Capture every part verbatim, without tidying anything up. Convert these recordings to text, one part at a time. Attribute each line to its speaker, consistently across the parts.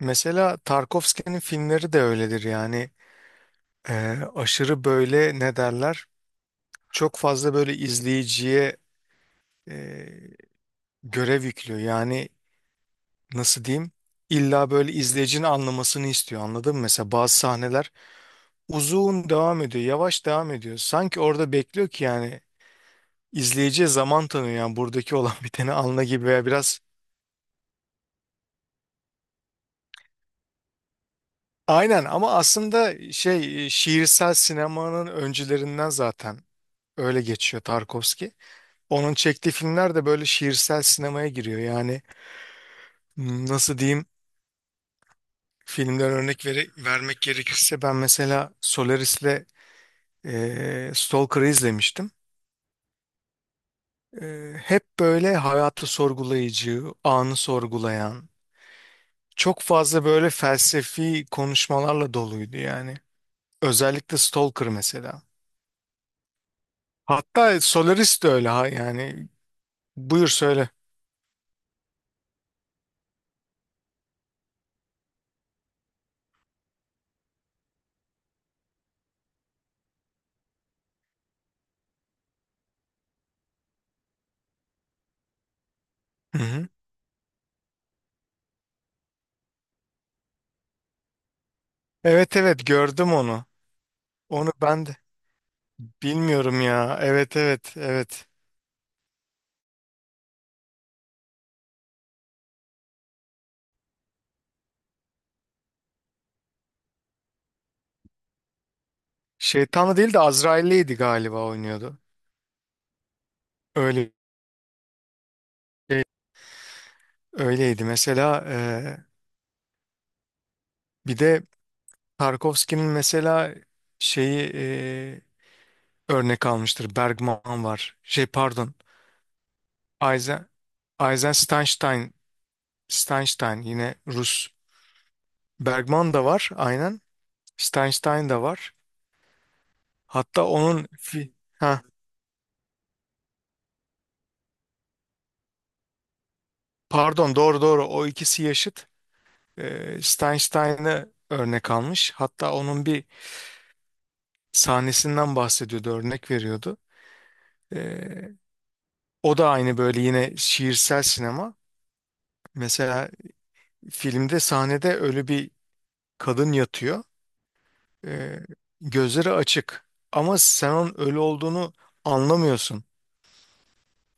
Speaker 1: Mesela Tarkovski'nin filmleri de öyledir yani. Ee, aşırı böyle ne derler, çok fazla böyle izleyiciye e, görev yüklüyor yani. Nasıl diyeyim, illa böyle izleyicinin anlamasını istiyor, anladın mı? Mesela bazı sahneler uzun devam ediyor, yavaş devam ediyor, sanki orada bekliyor ki, yani izleyiciye zaman tanıyor yani, buradaki olan biteni anla gibi, veya biraz aynen, ama aslında şey e, şiirsel sinemanın öncülerinden zaten öyle geçiyor Tarkovski. Onun çektiği filmler de böyle şiirsel sinemaya giriyor. Yani m, nasıl diyeyim, filmden örnek vere- vermek gerekirse, ben mesela Solaris'le e, Stalker'ı izlemiştim. E, hep böyle hayatı sorgulayıcı, anı sorgulayan, çok fazla böyle felsefi konuşmalarla doluydu yani. Özellikle Stalker mesela. Hatta Solaris de öyle ha yani. Buyur söyle. Hı hı. Evet evet, gördüm onu. Onu ben de bilmiyorum ya. Evet evet evet. Şeytanı değil de Azrail'liydi galiba oynuyordu. Öyle öyleydi. Mesela e, bir de Tarkovski'nin mesela şeyi e, örnek almıştır. Bergman var. Şey pardon. Eisen, Eisenstein, Steinstein, yine Rus. Bergman da var aynen. Steinstein da var. Hatta onun fi- ha pardon, doğru doğru, o ikisi yaşıt. E, Steinstein'ı örnek almış. Hatta onun bir sahnesinden bahsediyordu, örnek veriyordu. Ee, O da aynı böyle yine şiirsel sinema. Mesela filmde, sahnede ölü bir kadın yatıyor. Ee, Gözleri açık. Ama sen onun ölü olduğunu anlamıyorsun.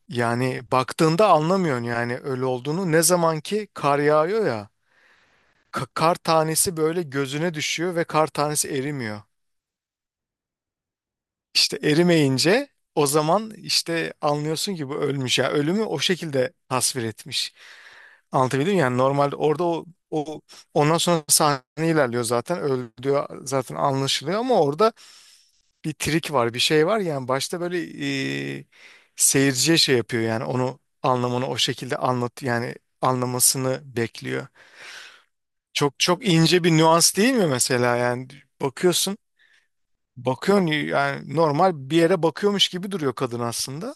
Speaker 1: Yani baktığında anlamıyorsun yani ölü olduğunu. Ne zaman ki kar yağıyor ya, ka- kar tanesi böyle gözüne düşüyor ve kar tanesi erimiyor. İşte erimeyince, o zaman işte anlıyorsun ki bu ölmüş ya. Ölümü o şekilde tasvir etmiş. Anlatabildim mi? Yani normalde orada o, o ondan sonra sahne ilerliyor, zaten öldüğü zaten anlaşılıyor, ama orada bir trik var, bir şey var yani, başta böyle e, seyirciye şey yapıyor yani, onu anlamını o şekilde anlat yani, anlamasını bekliyor. Çok çok ince bir nüans değil mi mesela yani, bakıyorsun bakıyorsun yani normal bir yere bakıyormuş gibi duruyor kadın aslında.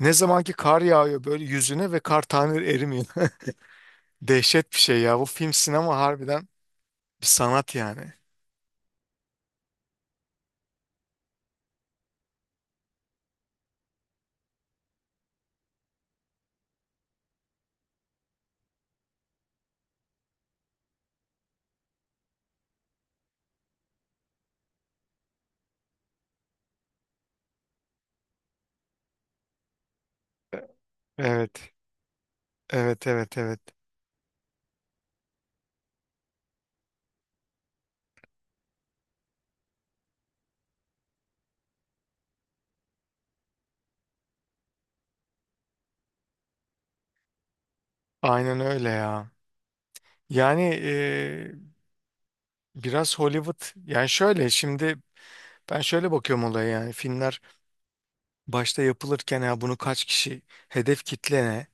Speaker 1: Ne zaman ki kar yağıyor böyle yüzüne ve kar tane erimiyor. Dehşet bir şey ya, bu film, sinema harbiden bir sanat yani. Evet. Evet evet evet. Aynen öyle ya. Yani e, biraz Hollywood yani, şöyle şimdi, ben şöyle bakıyorum olaya yani, filmler başta yapılırken, ya bunu kaç kişi, hedef kitle ne,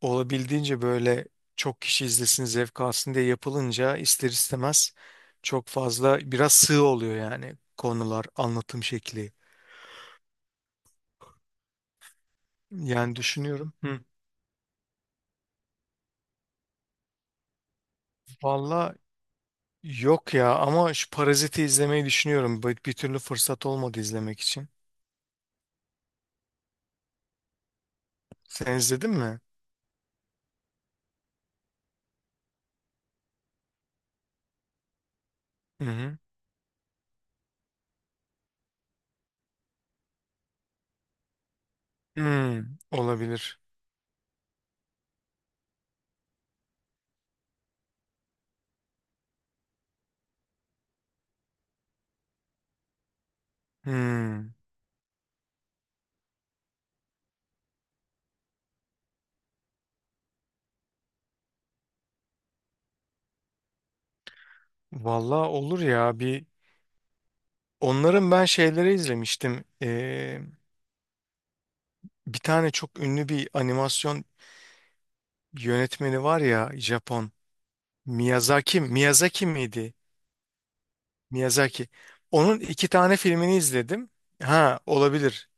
Speaker 1: olabildiğince böyle çok kişi izlesin zevk alsın diye yapılınca ister istemez çok fazla biraz sığ oluyor yani, konular, anlatım şekli. Yani düşünüyorum. Hı. Valla, yok ya, ama şu Parazit'i izlemeyi düşünüyorum. Bir, bir türlü fırsat olmadı izlemek için. Sen izledin mi? Hı hı. Hmm, olabilir. Hmm. Valla olur ya, bir onların ben şeyleri izlemiştim. Ee, bir tane çok ünlü bir animasyon yönetmeni var ya, Japon. Miyazaki, Miyazaki miydi? Miyazaki. Onun iki tane filmini izledim. Ha olabilir.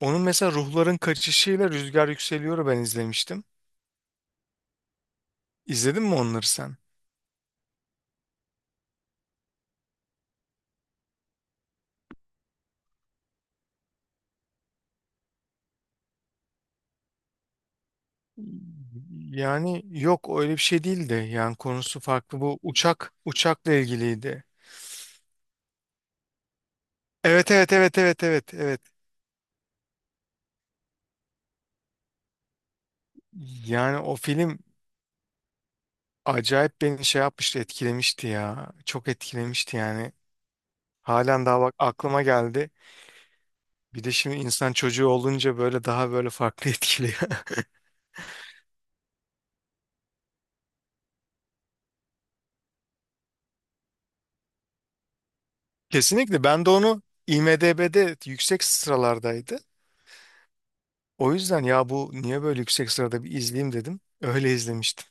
Speaker 1: Onun mesela Ruhların Kaçışı'yla Rüzgar Yükseliyor'u ben izlemiştim. İzledin mi onları sen? Yani yok, öyle bir şey değildi. Yani konusu farklı. Bu uçak uçakla ilgiliydi. Evet evet evet evet evet evet. Yani o film acayip beni şey yapmıştı, etkilemişti ya. Çok etkilemişti yani. Halen daha bak, aklıma geldi. Bir de şimdi insan çocuğu olunca böyle daha böyle farklı etkiliyor. Kesinlikle, ben de onu I M D b'de yüksek sıralardaydı. O yüzden ya, bu niye böyle yüksek sırada, bir izleyeyim dedim. Öyle izlemiştim.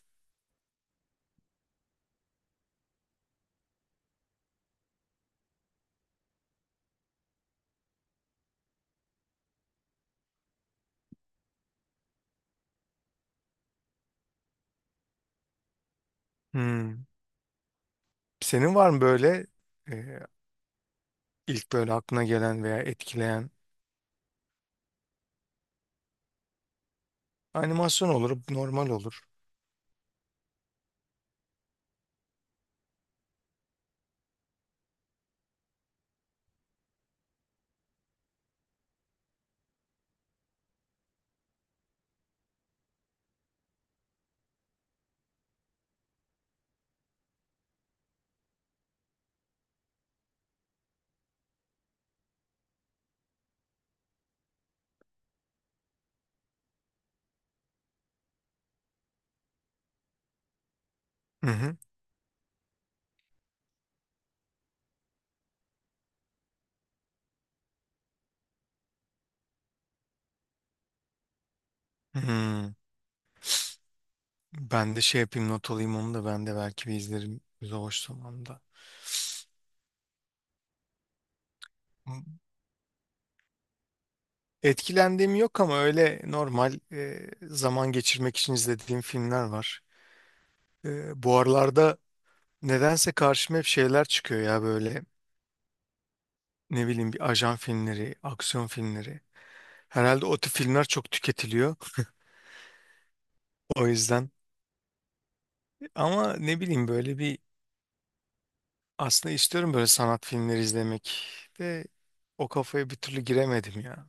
Speaker 1: Hmm. Senin var mı böyle e, ilk böyle aklına gelen veya etkileyen? Animasyon olur, normal olur. Hı hı. Hmm. Ben de şey yapayım, not alayım onu da, ben de belki bir izlerim boş zamanda. Hı. Etkilendiğim yok ama öyle normal e, zaman geçirmek için izlediğim filmler var. E, bu aralarda nedense karşıma hep şeyler çıkıyor ya böyle, ne bileyim, bir ajan filmleri, aksiyon filmleri. Herhalde o tip filmler çok tüketiliyor. O yüzden, ama ne bileyim, böyle bir, aslında istiyorum böyle sanat filmleri izlemek de o kafaya bir türlü giremedim ya.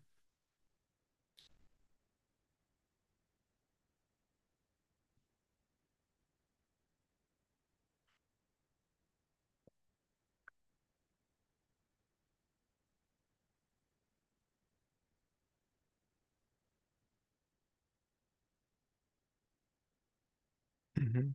Speaker 1: Hı hı.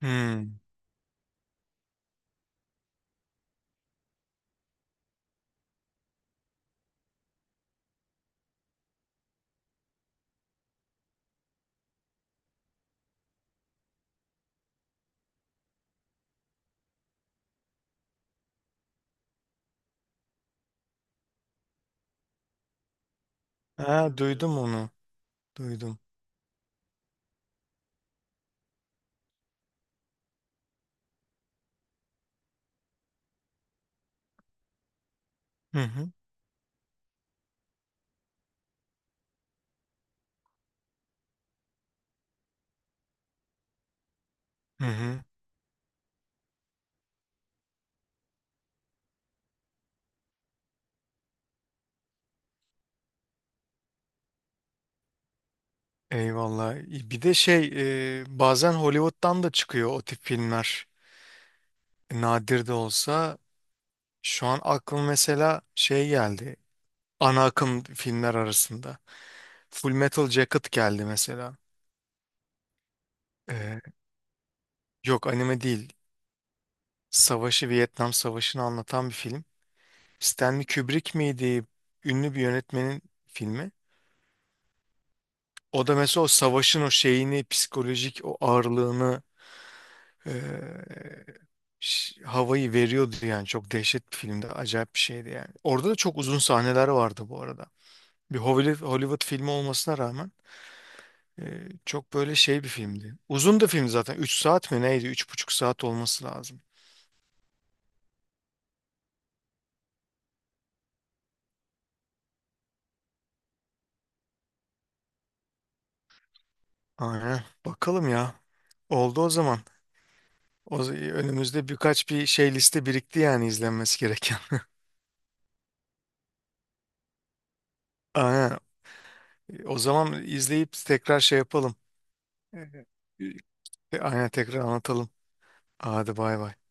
Speaker 1: Hmm. Ha, duydum onu. Duydum. Hı hı. Hı hı. Eyvallah. Bir de şey, e, bazen Hollywood'dan da çıkıyor o tip filmler. e, Nadir de olsa, şu an aklım mesela şey geldi, ana akım filmler arasında. Full Metal Jacket geldi mesela. E, Yok, anime değil. Savaşı Vietnam Savaşı'nı anlatan bir film. Stanley Kubrick miydi? Ünlü bir yönetmenin filmi. O da mesela o savaşın o şeyini, psikolojik o ağırlığını, ş- havayı veriyordu yani. Çok dehşet bir filmdi. Acayip bir şeydi yani. Orada da çok uzun sahneler vardı bu arada. Bir Hollywood, Hollywood filmi olmasına rağmen e, çok böyle şey bir filmdi. Uzun da film zaten. Üç saat mi neydi? Üç buçuk saat olması lazım. Aynen. Bakalım ya. Oldu o zaman. O, z- önümüzde birkaç bir şey, liste birikti yani izlenmesi gereken. Aynen. O zaman izleyip tekrar şey yapalım. Evet. E, Aynen, tekrar anlatalım. Hadi bay bay.